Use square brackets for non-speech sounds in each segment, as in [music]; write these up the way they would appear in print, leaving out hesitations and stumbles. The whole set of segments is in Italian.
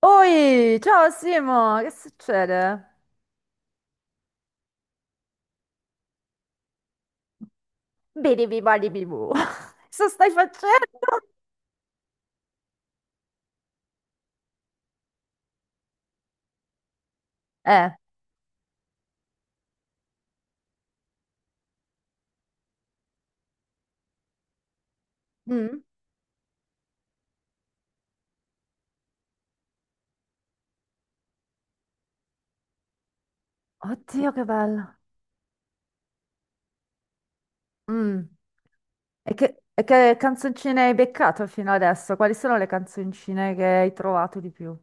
Oi, ciao Simo, che succede? Bidi bibali bibu. [laughs] Cosa stai facendo? Eh. Mm. Oddio, che bello. Mm. e che, e che canzoncine hai beccato fino adesso? Quali sono le canzoncine che hai trovato di più?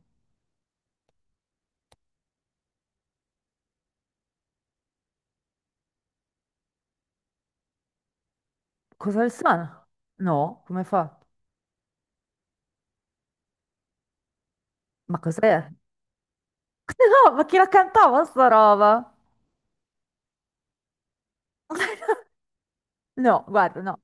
Cosa le suona? No, come fa? Ma cos'è? [laughs] No, ma chi la cantava sta roba? [laughs] No, guarda, no.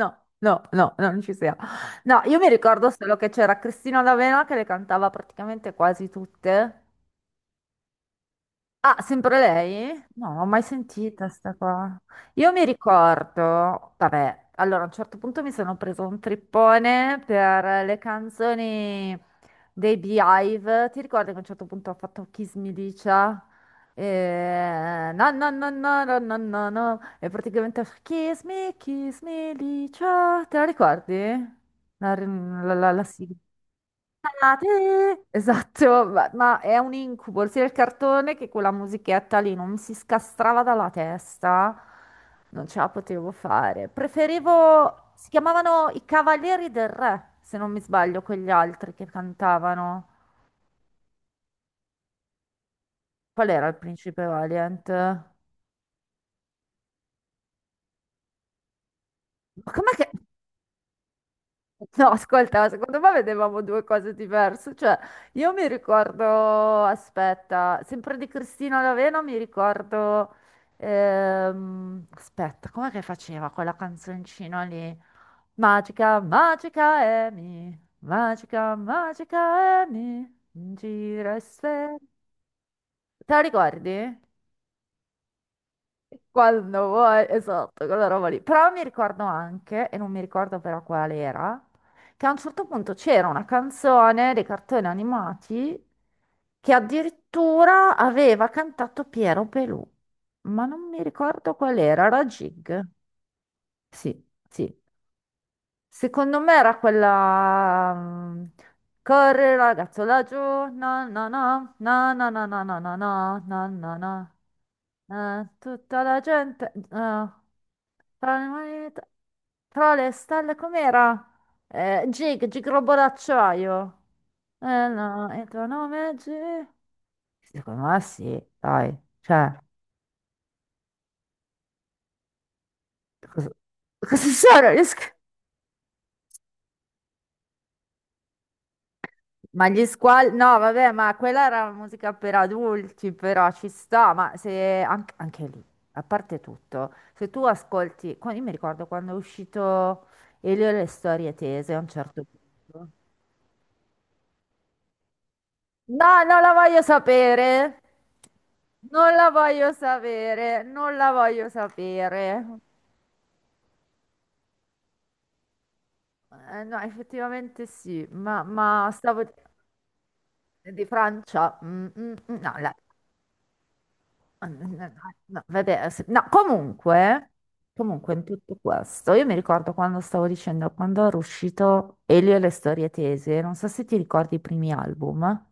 No, no, no, no, non ci siamo. No, io mi ricordo solo che c'era Cristina D'Avena che le cantava praticamente quasi tutte. Ah, sempre lei? No, non ho mai sentita sta qua. Io mi ricordo, vabbè, allora a un certo punto mi sono preso un trippone per le canzoni dei Beehive. Ti ricordi che a un certo punto ha fatto Kiss Me Licia? E... No, no, no, no, no, no, no, no. E praticamente Kiss Me, Kiss Me Licia. Te la ricordi? La sigla. Estate. Esatto, ma è un incubo, sia il cartone che quella musichetta lì non mi si scastrava dalla testa, non ce la potevo fare. Preferivo, si chiamavano i Cavalieri del Re, se non mi sbaglio, quegli altri che cantavano. Qual era il principe Valiant? Ma com'è che... [laughs] No, ascolta, secondo me vedevamo due cose diverse. Cioè, io mi ricordo, aspetta, sempre di Cristina Lavena mi ricordo... aspetta, com'è che faceva quella canzoncina lì? Magica, magica magica, magica Amy, gira e sfer- Te la ricordi? Quando vuoi, esatto, quella roba lì. Però mi ricordo anche, e non mi ricordo però quale era, che a un certo punto c'era una canzone dei cartoni animati che addirittura aveva cantato Piero Pelù, ma non mi ricordo qual era, era Jig. Sì, sì. Secondo me era quella... Corri ragazzo laggiù, na na na, na na na na na na na na na na. Tutta la gente... tra le mani- tra le stelle com'era? Gig, Gig Robot d'acciaio. Eh no, il tuo nome è Gig? Secondo me sì, dai. Cioè, cosa, cosa [laughs] sono? Ma gli squali, no, vabbè, ma quella era musica per adulti, però ci sta, ma se anche, lì, a parte tutto, se tu ascolti, qua- io mi ricordo quando è uscito Elio e le storie tese a un certo punto. No, non la voglio sapere, non la voglio sapere, non la voglio sapere. No, effettivamente sì, ma, stavo di Francia, no, la- No, vabbè, se- no, comunque in tutto questo, io mi ricordo quando stavo dicendo, quando era uscito Elio e le storie tese, non so se ti ricordi i primi album,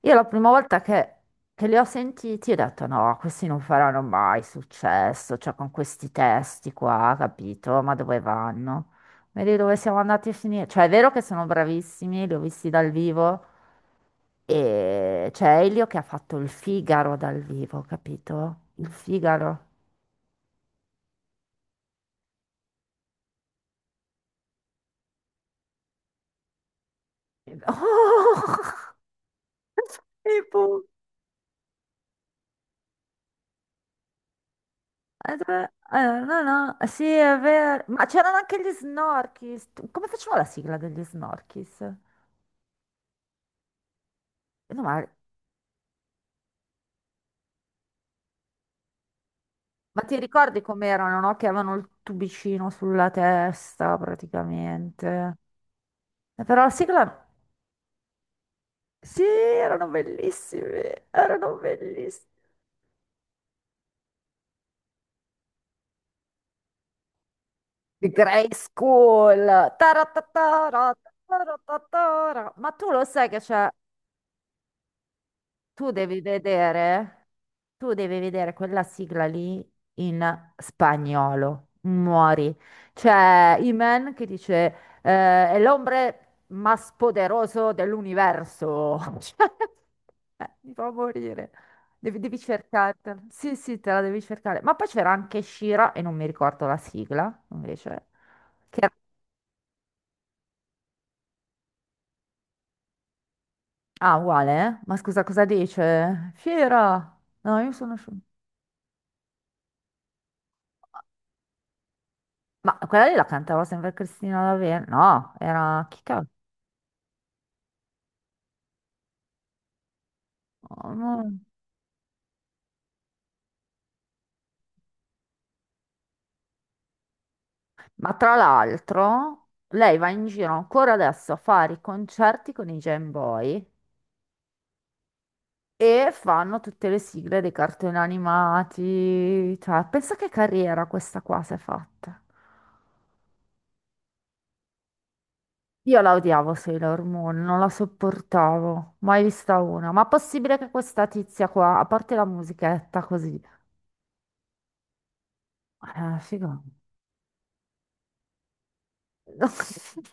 io la prima volta che li ho sentiti ho detto no, questi non faranno mai successo, cioè con questi testi qua, capito? Ma dove vanno? Vedi dove siamo andati a finire? Cioè è vero che sono bravissimi, li ho visti dal vivo, e c'è Elio che ha fatto il Figaro dal vivo, capito? Il Figaro. Oh! [laughs] E poi- dove- no, no, sì, è vero. Ma c'erano anche gli Snorkis. Tu- Come facevano la sigla degli Snorkis? No, ma ti ricordi com'erano, no? Che avevano il tubicino sulla testa, praticamente. Però la sigla... Sì, erano bellissimi, erano bellissimi. Di Grey School. Taratatara, taratatara. Ma tu lo sai che c'è, tu devi vedere, tu devi vedere quella sigla lì in spagnolo. Muori. C'è Iman che dice eh, è l'ombre más poderoso dell'universo. [laughs] Cioè, mi fa morire. Devi, devi cercartela. Sì, sì, te la devi cercare. Ma poi c'era anche Shira e non mi ricordo la sigla, invece. Che Ah, uguale, eh? Ma scusa, cosa dice? Fiera! No, io sono... sci- Ma quella lì la cantava sempre Cristina D'Avena? No, era... Chi ca- oh, no. Ma tra l'altro, lei va in giro ancora adesso a fare i concerti con i Jam Boy e fanno tutte le sigle dei cartoni animati. Cioè, pensa che carriera questa qua si è fatta. Io la odiavo Sailor Moon, non la sopportavo, mai vista una. Ma possibile che questa tizia qua, a parte la musichetta così, ah, figo. [laughs]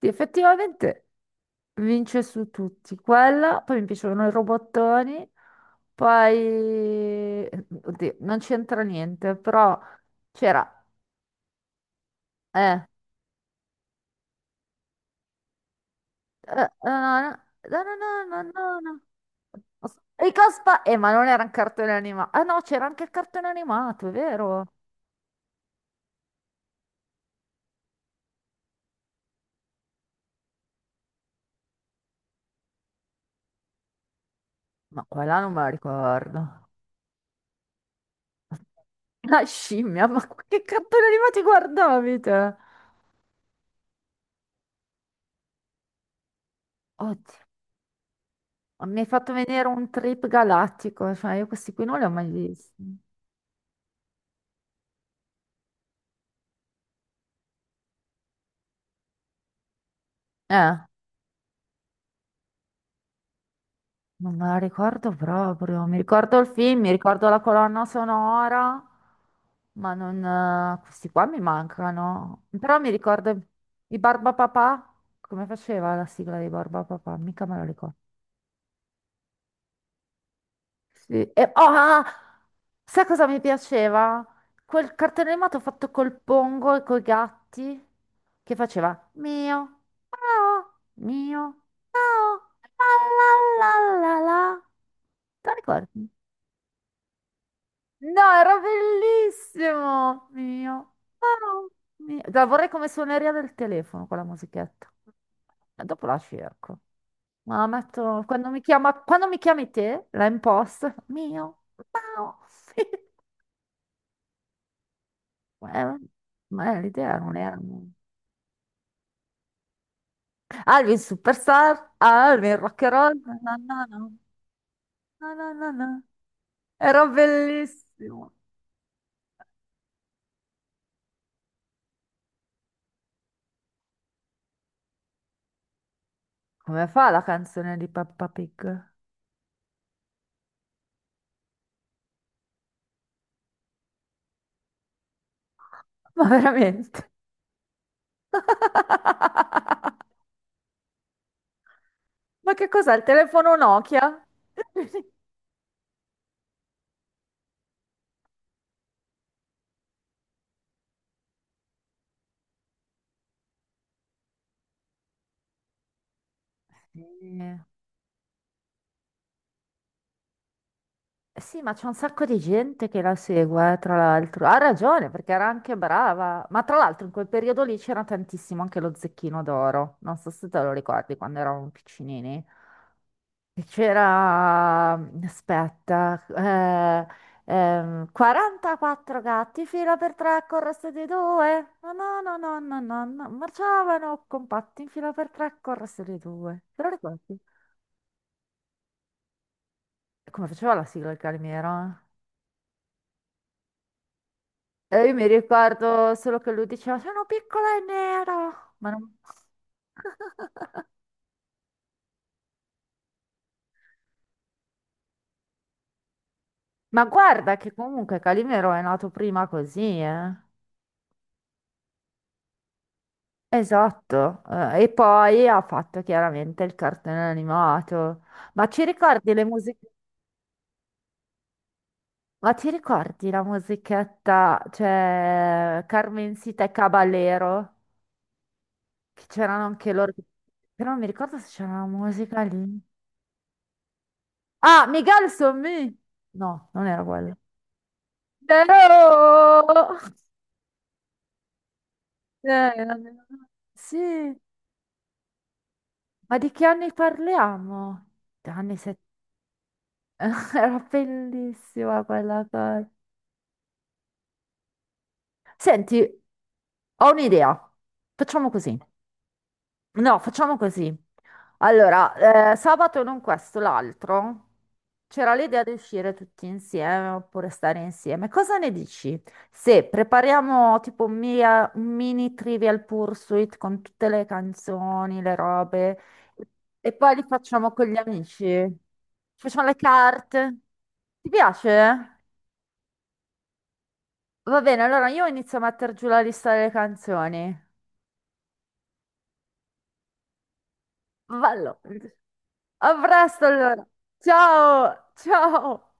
Sì, effettivamente vince su tutti. Quella, poi mi piacevano i robottoni, poi... Oddio, non c'entra niente, però c'era... Eh, no, no, no, no, no, no, no. No. I Caspa... ma non era un cartone animato. Ah no, c'era anche il cartone animato, è vero? Ma quella non me la ricordo. [laughs] La scimmia, ma che cartone animati guardavi te? Oddio. Mi hai fatto vedere un trip galattico, cioè io questi qui non li ho mai visti. Eh, non me la ricordo proprio. Mi ricordo il film, mi ricordo la colonna sonora, ma non... questi qua mi mancano. Però mi ricordo i Barbapapà, come faceva la sigla dei Barbapapà, mica me la ricordo. Sì. E, oh, ah, ah, sai cosa mi piaceva? Quel cartone animato fatto col pongo e coi gatti che faceva mio, mio, mio, miau, la la la la la. Te lo ricordi? No, era bellissimo! Mio, miau, mio. La vorrei come suoneria del telefono con la musichetta. E dopo la cerco. Ma la metto quando mi chiama, quando mi chiami te, la imposto. Mio, miau. [laughs] Eh, ma l'idea non era... Alvin Superstar, Alvin Rock and Roll, na na na, na na na na. Era bellissimo. Come fa la canzone di Peppa Pig? Ma veramente? [laughs] Ma che cos'è? Il telefono Nokia? Sì, sì, ma c'è un sacco di gente che la segue, tra l'altro. Ha ragione, perché era anche brava. Ma tra l'altro in quel periodo lì c'era tantissimo anche lo Zecchino d'Oro. Non so se te lo ricordi quando eravamo piccinini. C'era, aspetta, 44 gatti, fila per tre, corresse di due. No, no, no, no, no, no, no, marciavano compatti in fila per tre, corresse di due. Te lo ricordi? Come faceva la sigla il calmiero? Eh? E io mi ricordo solo che lui diceva, sono piccola e nera. Ma, non- [laughs] Ma guarda che comunque Calimero è nato prima così, eh. Esatto, e poi ha fatto chiaramente il cartone animato. Ma ci ricordi le musiche? Ma ci ricordi la musichetta, cioè Carmencita e Caballero? Che c'erano anche loro. Però non mi ricordo se c'era una musica lì. Ah, Miguel son me! No, non era quella. Però! Eh, sì, ma di che anni parliamo? Anni 70, [laughs] era bellissima quella cosa. Senti, ho un'idea. Facciamo così. No, facciamo così. Allora, sabato non questo, l'altro. C'era l'idea di uscire tutti insieme oppure stare insieme. Cosa ne dici? Se prepariamo tipo un, mia- un mini Trivial Pursuit con tutte le canzoni, le robe, e poi li facciamo con gli amici. Ci facciamo le carte. Ti piace? Va bene, allora io inizio a mettere giù la lista delle canzoni. Vallo. A presto allora. Ciao, ciao.